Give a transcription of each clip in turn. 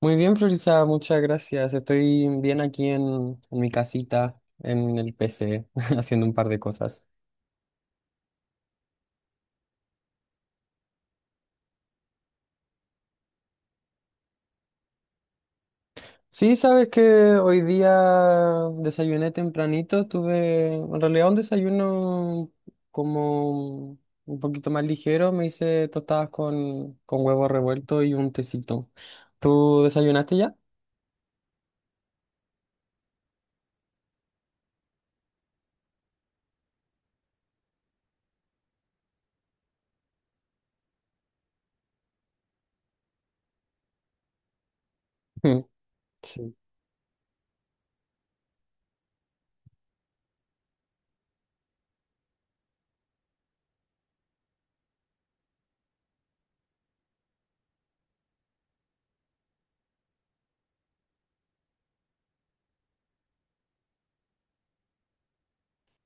Muy bien, Florisa, muchas gracias. Estoy bien aquí en mi casita, en el PC, haciendo un par de cosas. Sí, sabes que hoy día desayuné tempranito, tuve en realidad un desayuno como un poquito más ligero, me hice tostadas con huevo revuelto y un tecito. ¿Tú desayunaste ya? Mm. Sí.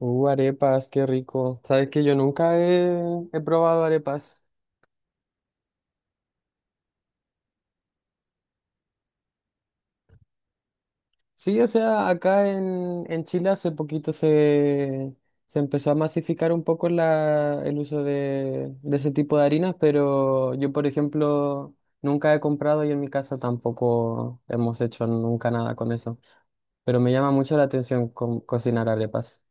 Arepas, qué rico. Sabes que yo nunca he probado arepas. Sí, o sea, acá en Chile hace poquito se empezó a masificar un poco el uso de ese tipo de harinas, pero yo, por ejemplo, nunca he comprado y en mi casa tampoco hemos hecho nunca nada con eso. Pero me llama mucho la atención cocinar arepas.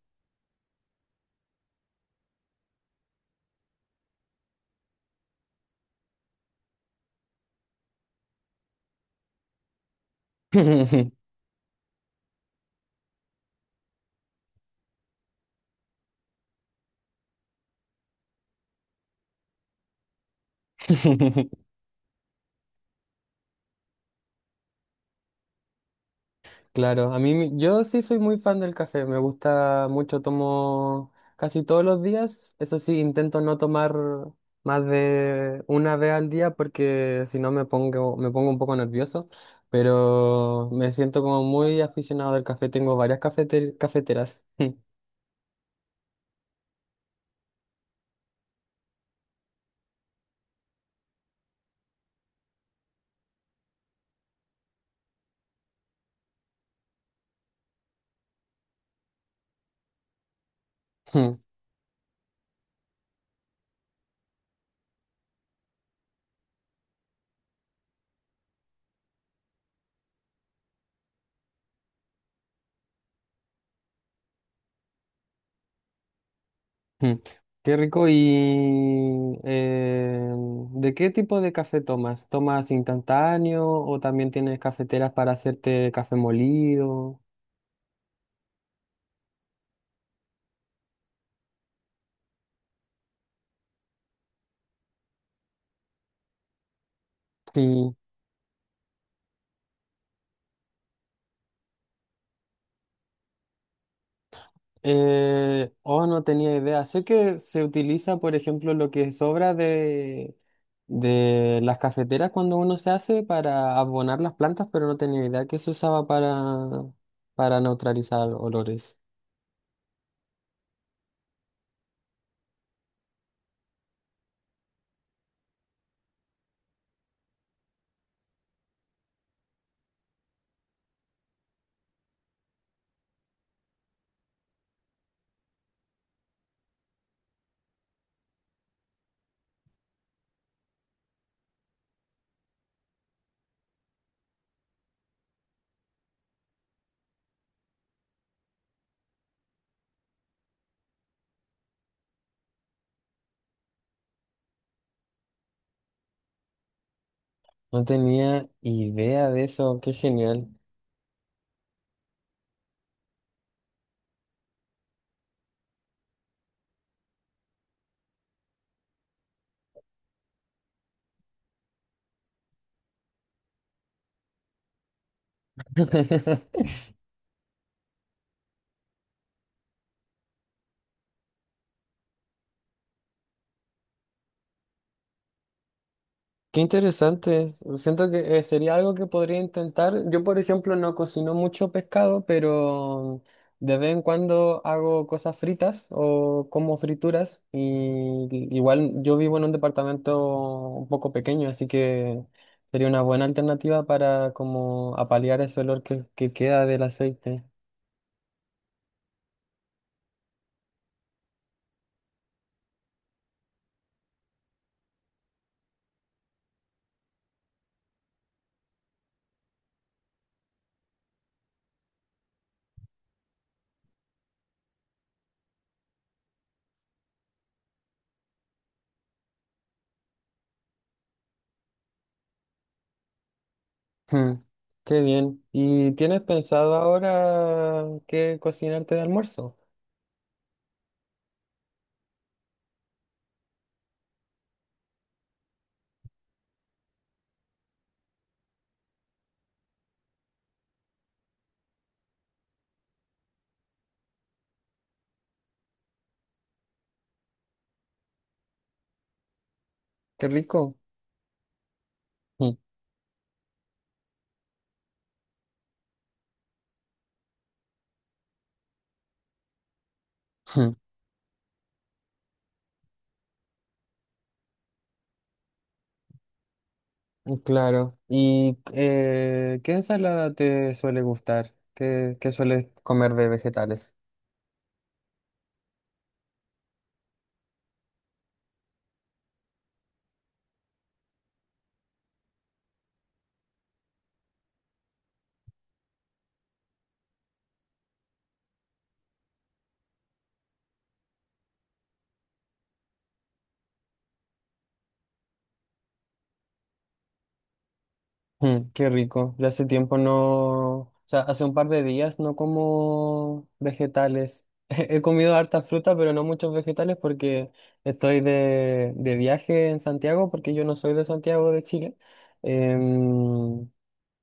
Claro, a mí yo sí soy muy fan del café, me gusta mucho, tomo casi todos los días, eso sí, intento no tomar más de una vez al día porque si no me pongo un poco nervioso, pero me siento como muy aficionado al café, tengo varias cafeteras. Ujú, ujú. Qué rico, y ¿de qué tipo de café tomas? ¿Tomas instantáneo o también tienes cafeteras para hacerte café molido? Sí. Oh, no tenía idea. Sé que se utiliza, por ejemplo, lo que sobra de las cafeteras cuando uno se hace para abonar las plantas, pero no tenía idea que se usaba para neutralizar olores. No tenía idea de eso. Qué genial. Qué interesante. Siento que sería algo que podría intentar. Yo, por ejemplo, no cocino mucho pescado, pero de vez en cuando hago cosas fritas o como frituras. Y igual yo vivo en un departamento un poco pequeño, así que sería una buena alternativa para como apalear ese olor que queda del aceite. Hmm. Qué bien. ¿Y tienes pensado ahora qué cocinarte de almuerzo? Qué rico. Hmm. Claro. ¿Y qué ensalada te suele gustar? ¿Qué sueles comer de vegetales? Qué rico. Yo hace tiempo no, o sea, hace un par de días no como vegetales. He comido harta fruta, pero no muchos vegetales porque estoy de viaje en Santiago, porque yo no soy de Santiago de Chile. Em,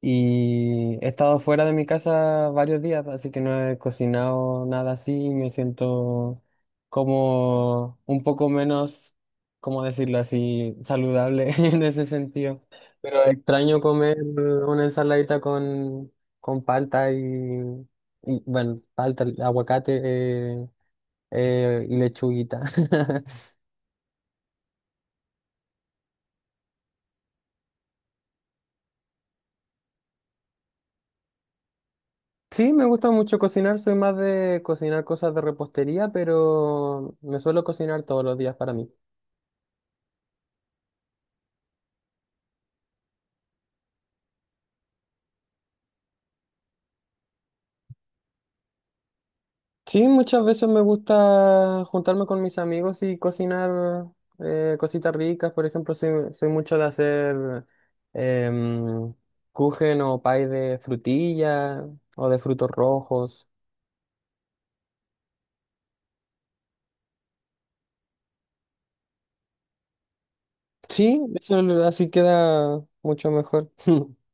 Y he estado fuera de mi casa varios días, así que no he cocinado nada así. Me siento como un poco menos, ¿cómo decirlo así? Saludable en ese sentido. Pero extraño comer una ensaladita con palta y, bueno, palta, aguacate y lechuguita. Sí, me gusta mucho cocinar, soy más de cocinar cosas de repostería, pero me suelo cocinar todos los días para mí. Sí, muchas veces me gusta juntarme con mis amigos y cocinar cositas ricas. Por ejemplo, soy mucho de hacer em, kuchen o pie de frutilla o de frutos rojos. Sí, eso así queda mucho mejor.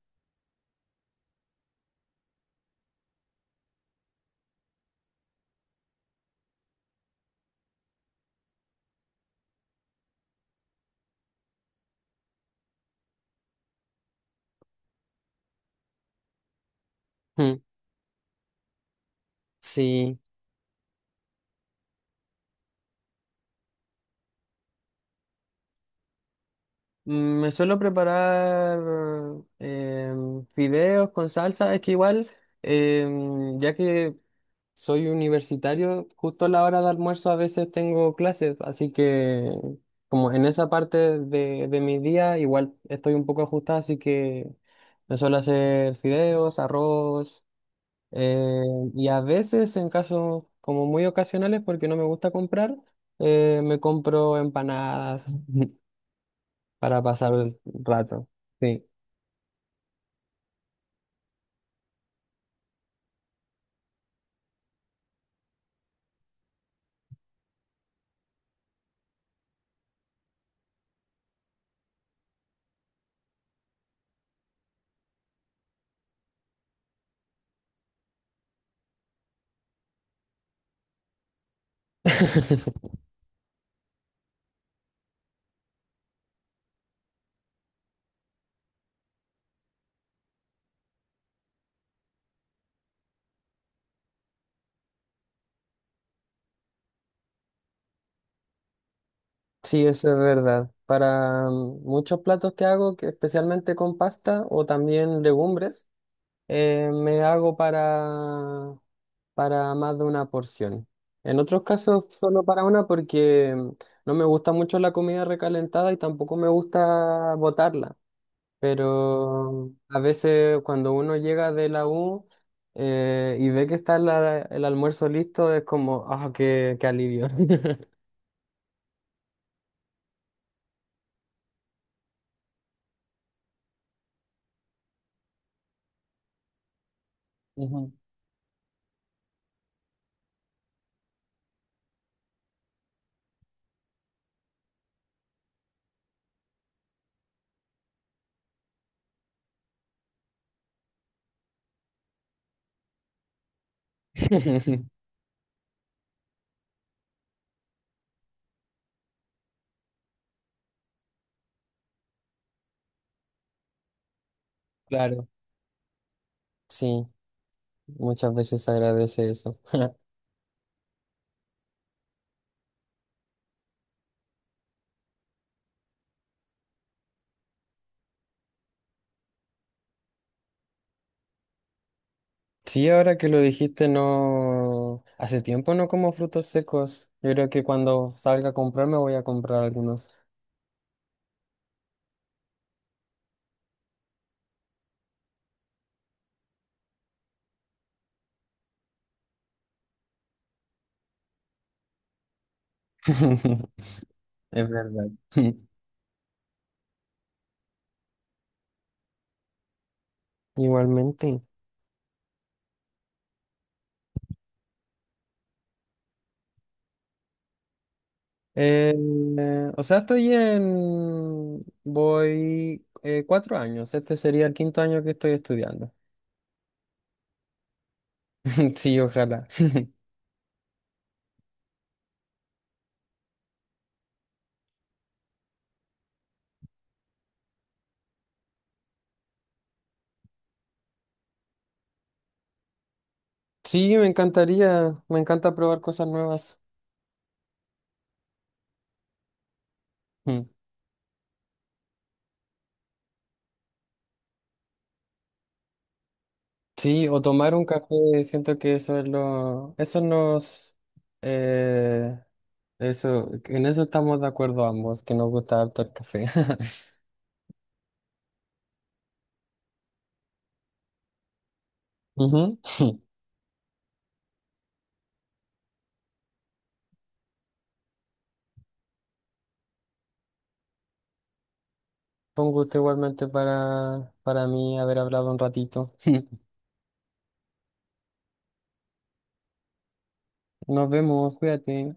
Mm. Sí. Me suelo preparar fideos con salsa. Es que igual, ya que soy universitario, justo a la hora de almuerzo a veces tengo clases, así que como en esa parte de mi día igual estoy un poco ajustada, así que me suelo hacer fideos, arroz eh, y a veces en casos como muy ocasionales, porque no me gusta comprar, me compro empanadas. Para pasar el rato. Sí. Sí, eso es verdad. Para muchos platos que hago, que especialmente con pasta o también legumbres, me hago para más de una porción. En otros casos, solo para una porque no me gusta mucho la comida recalentada y tampoco me gusta botarla. Pero a veces cuando uno llega de la U y ve que está el almuerzo listo, es como, ah, qué alivio. Ujú. Claro, sí, muchas veces se agradece eso. Sí, ahora que lo dijiste, no, hace tiempo no como frutos secos. Yo creo que cuando salga a comprar me voy a comprar algunos. Es verdad. Igualmente. Eh, o sea, estoy en. Voy cuatro años. Este sería el quinto año que estoy estudiando. Sí, ojalá. Sí, me encantaría. Me encanta probar cosas nuevas. Mm. Sí, o tomar un café. Siento que eso es lo. Eso nos. Eh, eso, en eso estamos de acuerdo ambos, que nos gusta harto el café. Ujú. Fue un gusto igualmente para mí haber hablado un ratito. Nos vemos, cuídate.